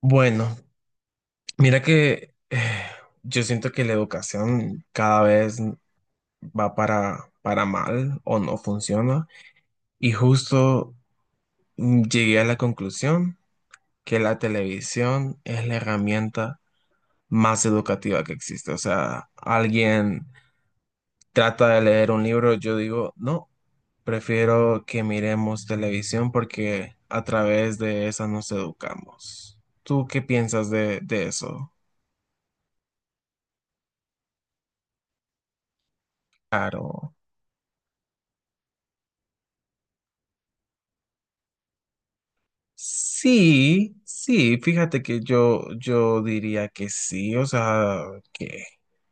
Bueno, mira que yo siento que la educación cada vez va para mal o no funciona. Y justo llegué a la conclusión que la televisión es la herramienta más educativa que existe. O sea, alguien trata de leer un libro, yo digo, no, prefiero que miremos televisión porque a través de esa nos educamos. ¿Tú qué piensas de eso? Claro. Sí, sí, fíjate que yo diría que sí, o sea, que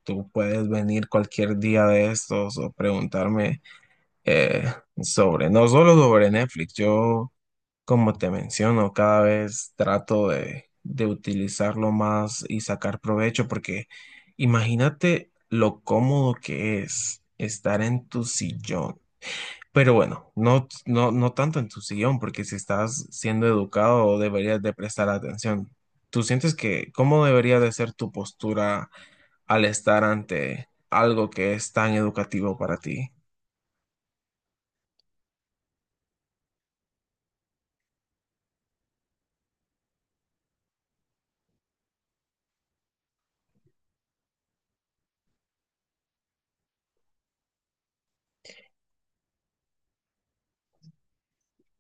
tú puedes venir cualquier día de estos o preguntarme eh, sobre, no solo sobre Netflix, yo, como te menciono, cada vez trato de utilizarlo más y sacar provecho, porque imagínate lo cómodo que es estar en tu sillón, pero bueno, no tanto en tu sillón, porque si estás siendo educado deberías de prestar atención. ¿Tú sientes que cómo debería de ser tu postura al estar ante algo que es tan educativo para ti?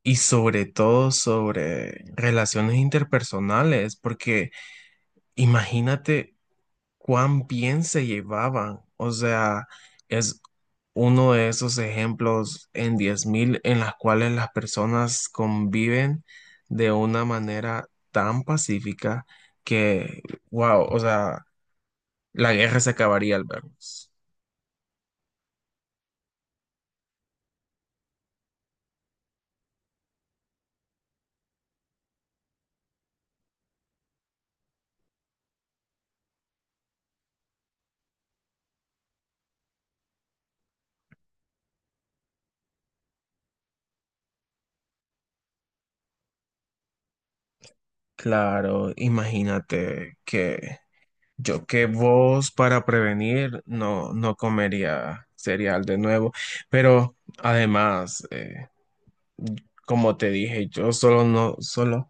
Y sobre todo sobre relaciones interpersonales, porque imagínate cuán bien se llevaban. O sea, es uno de esos ejemplos en 10.000 en las cuales las personas conviven de una manera tan pacífica que, wow, o sea, la guerra se acabaría al vernos. Claro, imagínate que yo que vos, para prevenir, no comería cereal de nuevo, pero además, como te dije, yo solo no, solo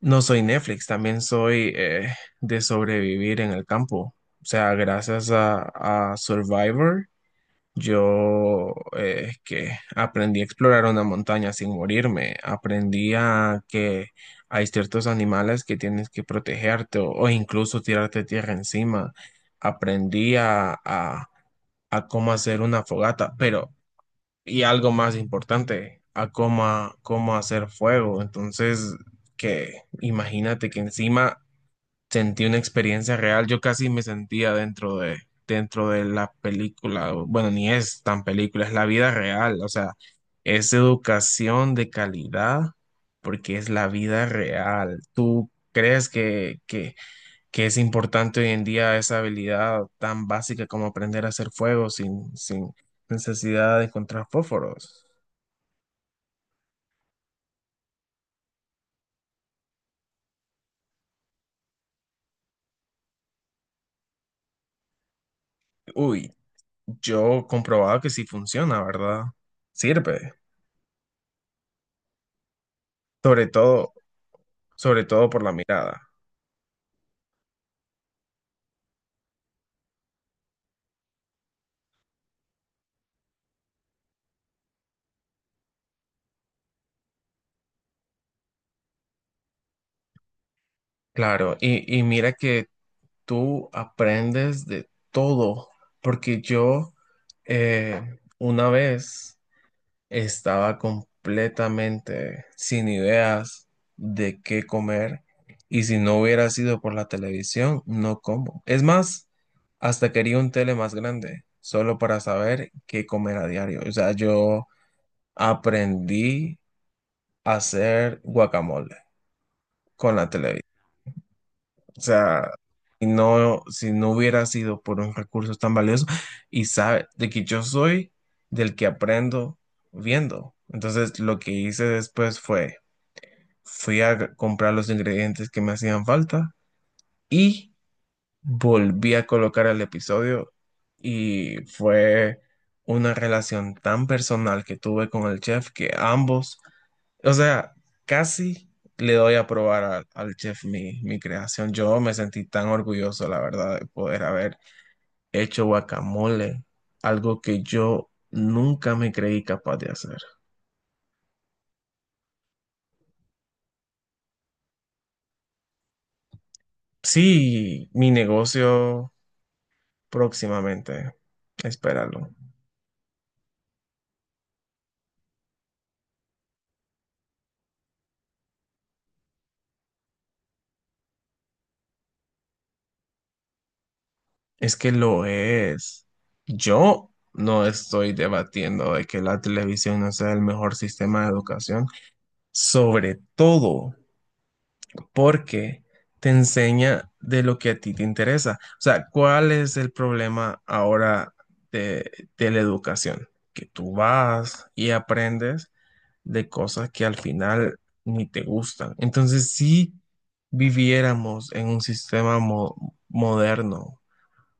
no soy Netflix, también soy de sobrevivir en el campo. O sea, gracias a Survivor, yo que aprendí a explorar una montaña sin morirme. Aprendí a que hay ciertos animales que tienes que protegerte o incluso tirarte tierra encima. Aprendí a, a, a cómo hacer una fogata, pero y algo más importante, cómo hacer fuego. Entonces, que imagínate que encima sentí una experiencia real. Yo casi me sentía dentro de la película. Bueno, ni es tan película, es la vida real. O sea, es educación de calidad porque es la vida real. ¿Tú crees que es importante hoy en día esa habilidad tan básica como aprender a hacer fuego sin necesidad de encontrar fósforos? Uy, yo comprobado que sí funciona, ¿verdad? Sirve, sobre todo, sobre todo por la mirada. Claro, y mira que tú aprendes de todo, porque yo una vez estaba completamente sin ideas de qué comer, y si no hubiera sido por la televisión, no como. Es más, hasta quería un tele más grande, solo para saber qué comer a diario. O sea, yo... aprendí a hacer guacamole con la televisión. O sea, y no, si no hubiera sido por un recurso tan valioso, y sabe, de que yo soy del que aprendo viendo. Entonces, lo que hice después fue, fui a comprar los ingredientes que me hacían falta y volví a colocar el episodio, y fue una relación tan personal que tuve con el chef que ambos... O sea, casi le doy a probar al chef mi creación. Yo me sentí tan orgulloso, la verdad, de poder haber hecho guacamole, algo que yo nunca me creí capaz de hacer. Sí, mi negocio próximamente, espéralo. Es que lo es. Yo no estoy debatiendo de que la televisión no sea el mejor sistema de educación, sobre todo, porque te enseña de lo que a ti te interesa. O sea, ¿cuál es el problema ahora de la educación? Que tú vas y aprendes de cosas que al final ni te gustan. Entonces, si viviéramos en un sistema moderno,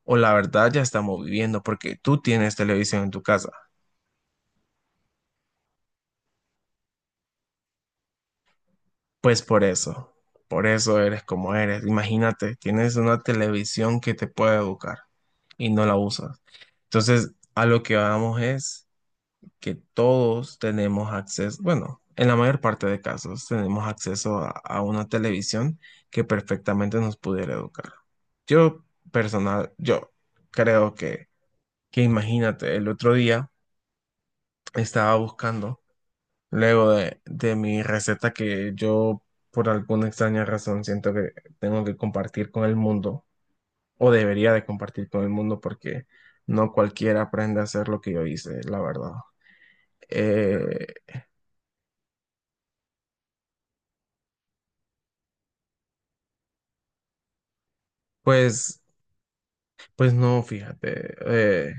o la verdad ya estamos viviendo, porque tú tienes televisión en tu casa. Pues por eso eres como eres. Imagínate, tienes una televisión que te puede educar y no la usas. Entonces, a lo que vamos es que todos tenemos acceso, bueno, en la mayor parte de casos tenemos acceso a una televisión que perfectamente nos pudiera educar. Yo personal, yo creo que imagínate, el otro día estaba buscando... Luego de mi receta, que yo por alguna extraña razón siento que tengo que compartir con el mundo, o debería de compartir con el mundo porque no cualquiera aprende a hacer lo que yo hice, la verdad. Eh, pues, pues no, fíjate, eh,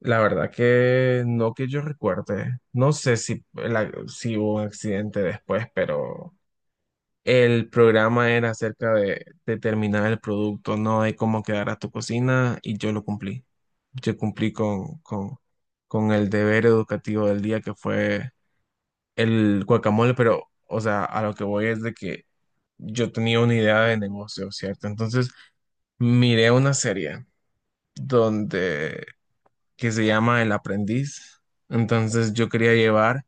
la verdad que no que yo recuerde, no sé si, si hubo un accidente después, pero el programa era acerca de terminar el producto, no de cómo quedara tu cocina, y yo lo cumplí. Yo cumplí con el deber educativo del día, que fue el guacamole, pero, o sea, a lo que voy es de que yo tenía una idea de negocio, ¿cierto? Entonces miré una serie donde, que se llama El Aprendiz. Entonces yo quería llevar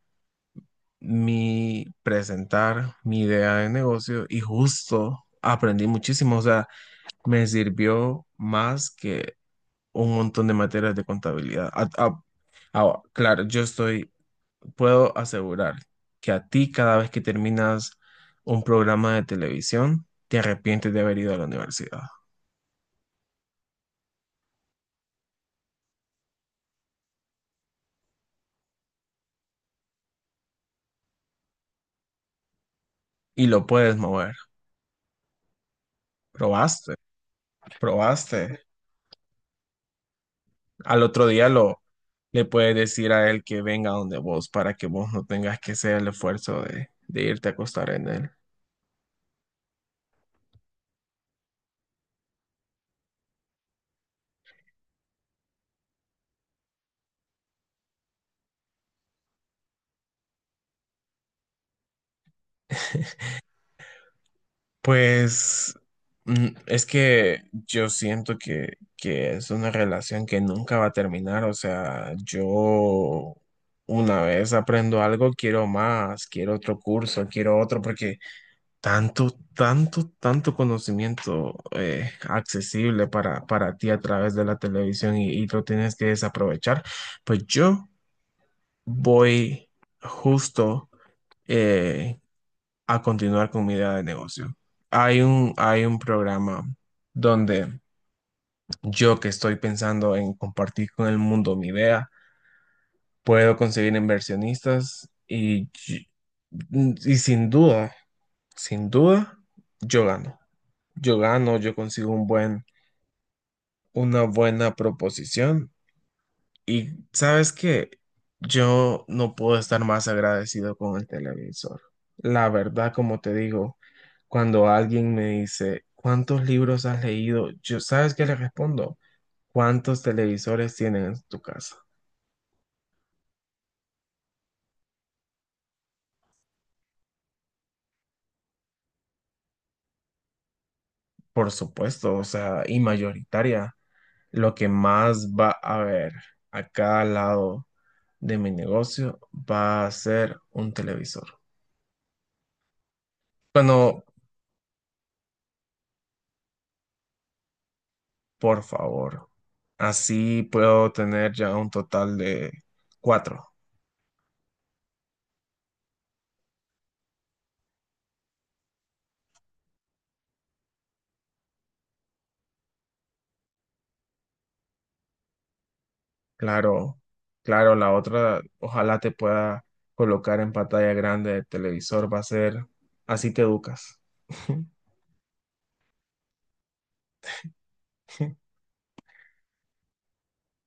mi idea de negocio, y justo aprendí muchísimo, o sea, me sirvió más que un montón de materias de contabilidad. Claro, yo estoy, puedo asegurar que a ti cada vez que terminas un programa de televisión, te arrepientes de haber ido a la universidad, y lo puedes mover. Probaste, probaste. Al otro día lo... le puedes decir a él que venga donde vos para que vos no tengas que hacer el esfuerzo de irte a acostar en él. Pues es que yo siento que es una relación que nunca va a terminar. O sea, yo una vez aprendo algo, quiero más, quiero otro curso, quiero otro, porque tanto, tanto, tanto conocimiento accesible para ti a través de la televisión, y lo tienes que desaprovechar. Pues yo voy justo eh, a continuar con mi idea de negocio. Hay un programa donde yo, que estoy pensando en compartir con el mundo mi idea, puedo conseguir inversionistas y sin duda, sin duda, yo gano. Yo gano, yo consigo un buen, una buena proposición. Y sabes que yo no puedo estar más agradecido con el televisor. La verdad, como te digo, cuando alguien me dice, ¿cuántos libros has leído? Yo, ¿sabes qué le respondo? ¿Cuántos televisores tienen en tu casa? Por supuesto, o sea, y mayoritaria, lo que más va a haber a cada lado de mi negocio va a ser un televisor. Cuando, por favor. Así puedo tener ya un total de cuatro. Claro, claro, la otra, ojalá te pueda colocar en pantalla grande del televisor, va a ser, así te educas.